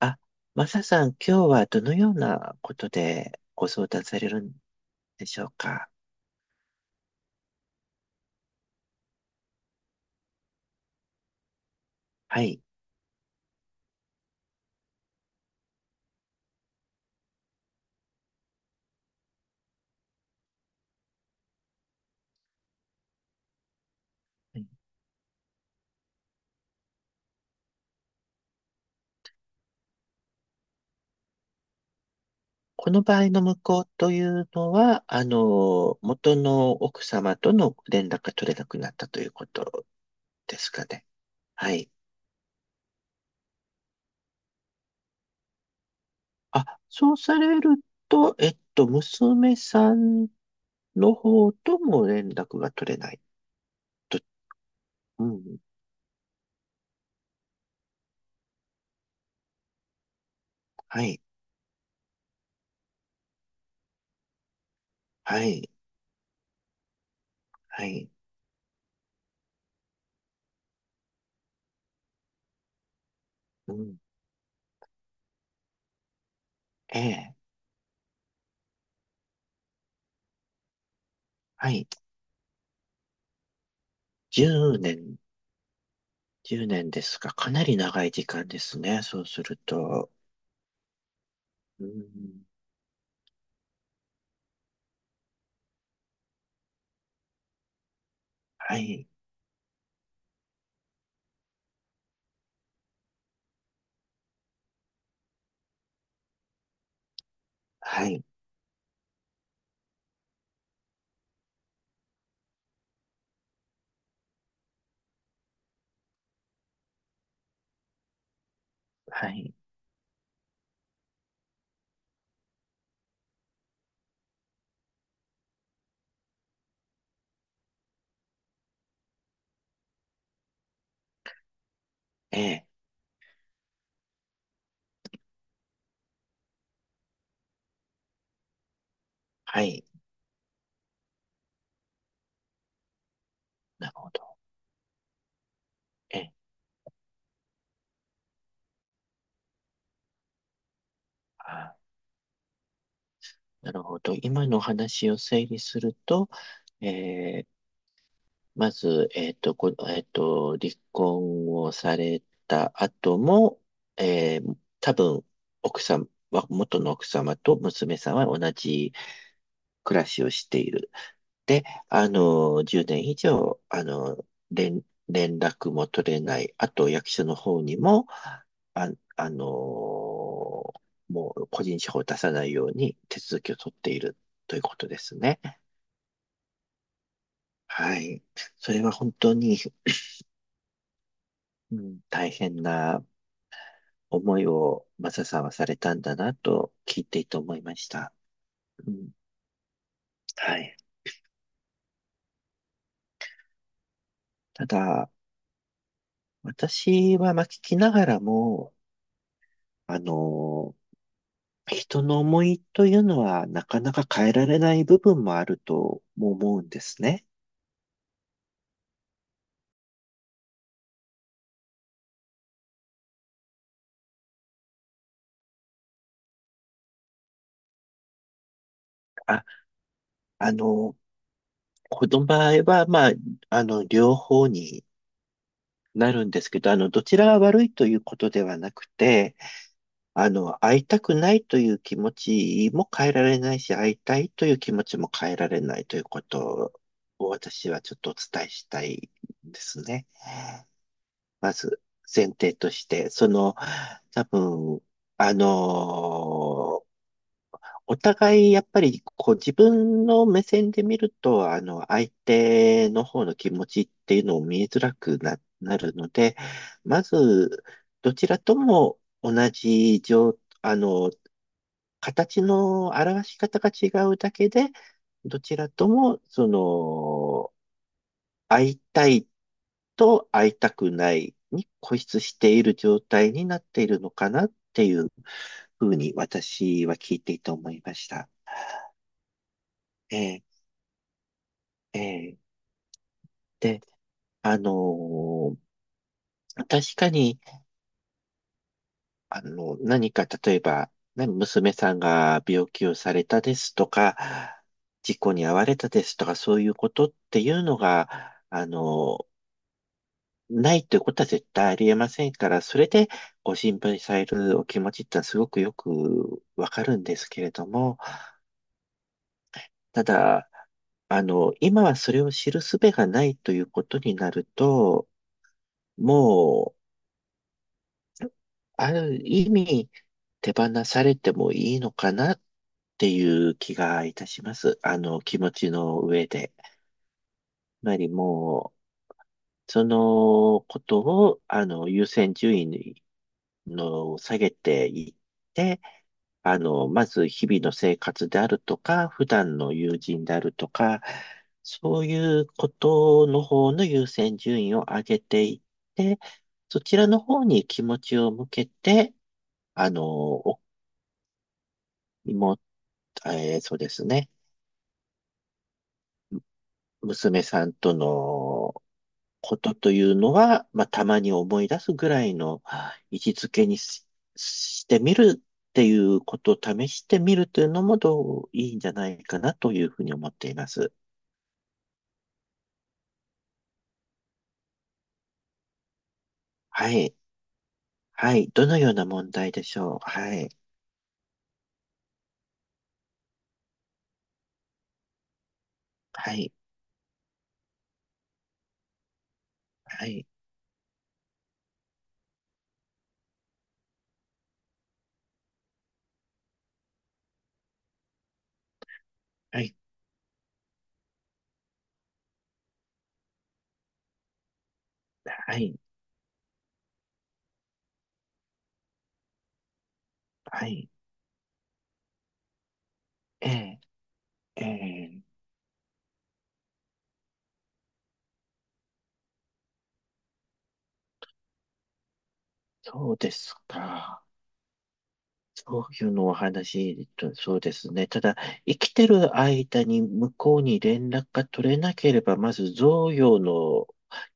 あ、マサさん、今日はどのようなことでご相談されるんでしょうか。はい。はい。この場合の無効というのは、元の奥様との連絡が取れなくなったということですかね。はい。あ、そうされると、娘さんの方とも連絡が取れないと。うん。はい。はい。はい。うん。ええ。はい。10年。10年ですか。かなり長い時間ですね。そうすると。うん、はい、はい、はい、ええ、はい、なるほど。ええ、あ、なるほど。今のお話を整理すると、ええ、まず、えっと、こ、えっと、離婚をされた後も、ええ、多分、奥さんは、元の奥様と娘さんは同じ暮らしをしている。10年以上、あの、連、連絡も取れない。あと、役所の方にも、あ、あの、もう個人情報を出さないように手続きを取っているということですね。はい。それは本当に、うん、大変な思いをマサさんはされたんだなと聞いていて思いました。うん、はい。ただ、私はまあ聞きながらも、あの人の思いというのはなかなか変えられない部分もあるとも思うんですね。あ、あの、この場合は、まあ、両方になるんですけど、どちらが悪いということではなくて、会いたくないという気持ちも変えられないし、会いたいという気持ちも変えられないということを私はちょっとお伝えしたいですね。まず、前提として、その、多分、あのお互い、やっぱり、こう、自分の目線で見ると、相手の方の気持ちっていうのを見えづらくな、なるので、まず、どちらとも同じ状、あの、形の表し方が違うだけで、どちらとも、その、会いたいと会いたくないに固執している状態になっているのかなっていうふうに、私は聞いていて思いました。ええ。ええ。で、あのー確かに、何か、例えば、ね娘さんが病気をされたですとか、事故に遭われたですとか、そういうことっていうのが、あのないということは絶対ありえませんから、それでご心配されるお気持ちってのはすごくよくわかるんですけれども、ただ、今はそれを知る術がないということになると、もう、ある意味、手放されてもいいのかなっていう気がいたします。あの、気持ちの上で。つまりもう、そのことを、優先順位の下げていって、まず日々の生活であるとか、普段の友人であるとか、そういうことの方の優先順位を上げていって、そちらの方に気持ちを向けて、あの、お妹、えーそうですね。娘さんとのことというのは、まあ、たまに思い出すぐらいの位置づけにし、してみるっていうことを試してみるというのもどういいんじゃないかなというふうに思っています。はい。はい。どのような問題でしょう。はい。はい。はい。はい。はい。はい。ええ、ええ、そうですか。そういうのお話と、そうですね。ただ、生きてる間に向こうに連絡が取れなければ、まず贈与の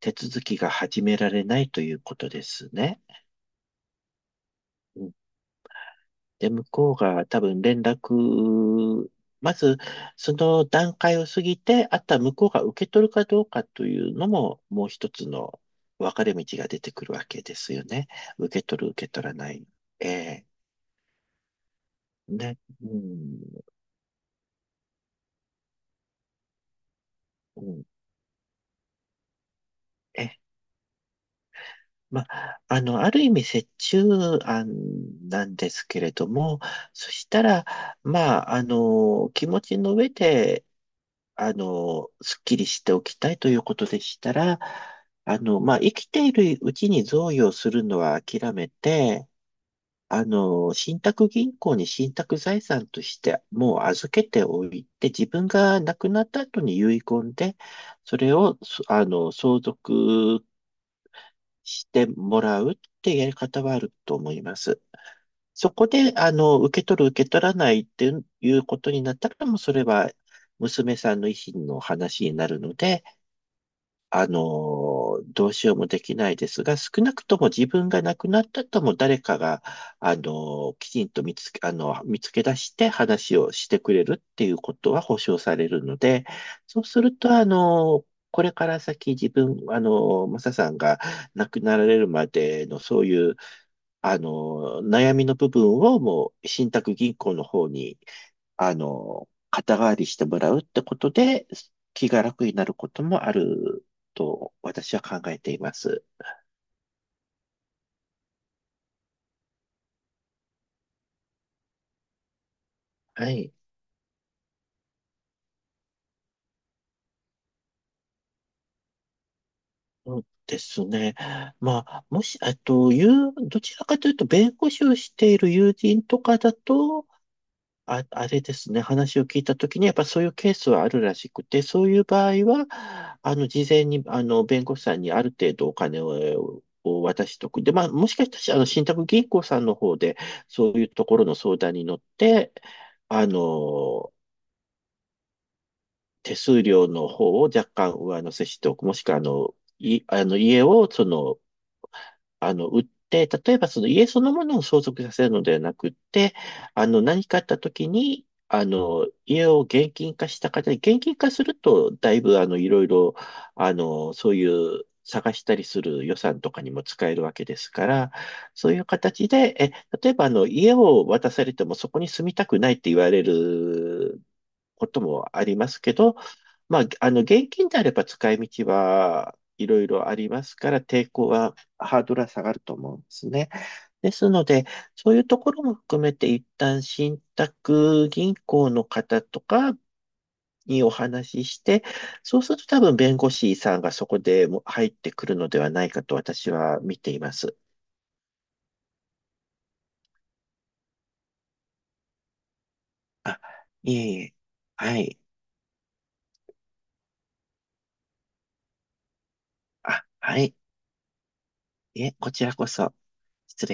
手続きが始められないということですね。うん。で、向こうが多分連絡、まずその段階を過ぎて、あとは向こうが受け取るかどうかというのも、もう一つの分かれ道が出てくるわけですよね。受け取る、受け取らない。ええ。ね。うん。うん。え、まあ、ある意味折衷案なんですけれども、そしたら、まあ、気持ちの上で、すっきりしておきたいということでしたら、生きているうちに贈与するのは諦めて、信託銀行に信託財産としてもう預けておいて、自分が亡くなった後に遺言で、それを、そあの、相続してもらうってやり方はあると思います。そこで、受け取る、受け取らないっていうことになったら、もうそれは娘さんの意思の話になるので、どうしようもできないですが、少なくとも自分が亡くなったとも誰かが、あの、きちんと見つけ、あの、見つけ出して話をしてくれるっていうことは保証されるので、そうすると、これから先自分、マサさんが亡くなられるまでのそういう、悩みの部分をもう信託銀行の方に肩代わりしてもらうってことで、気が楽になることもあると私は考えています。はい。そうですね。まあ、もし、どちらかというと、弁護士をしている友人とかだと、あ、あれですね、話を聞いたときに、やっぱそういうケースはあるらしくて、そういう場合は、事前に、弁護士さんにある程度お金を渡しとく。で、まあ、もしかしたら、信託銀行さんの方で、そういうところの相談に乗って、あの、手数料の方を若干上乗せしておく。もしくは、あの、家を売って、例えばその家そのものを相続させるのではなくって、何かあった時に、家を現金化した方で、現金化すると、だいぶ、あの、いろいろ、あの、そういう探したりする予算とかにも使えるわけですから、そういう形で、え、例えば、家を渡されてもそこに住みたくないって言われることもありますけど、まあ、現金であれば使い道はいろいろありますから、抵抗は、ハードルは下がると思うんですね。ですので、そういうところも含めて、一旦信託銀行の方とかにお話しして、そうすると多分弁護士さんがそこでも入ってくるのではないかと私は見ています。いえいえ。はい。あ、はい。いえ、こちらこそ。失礼いたします。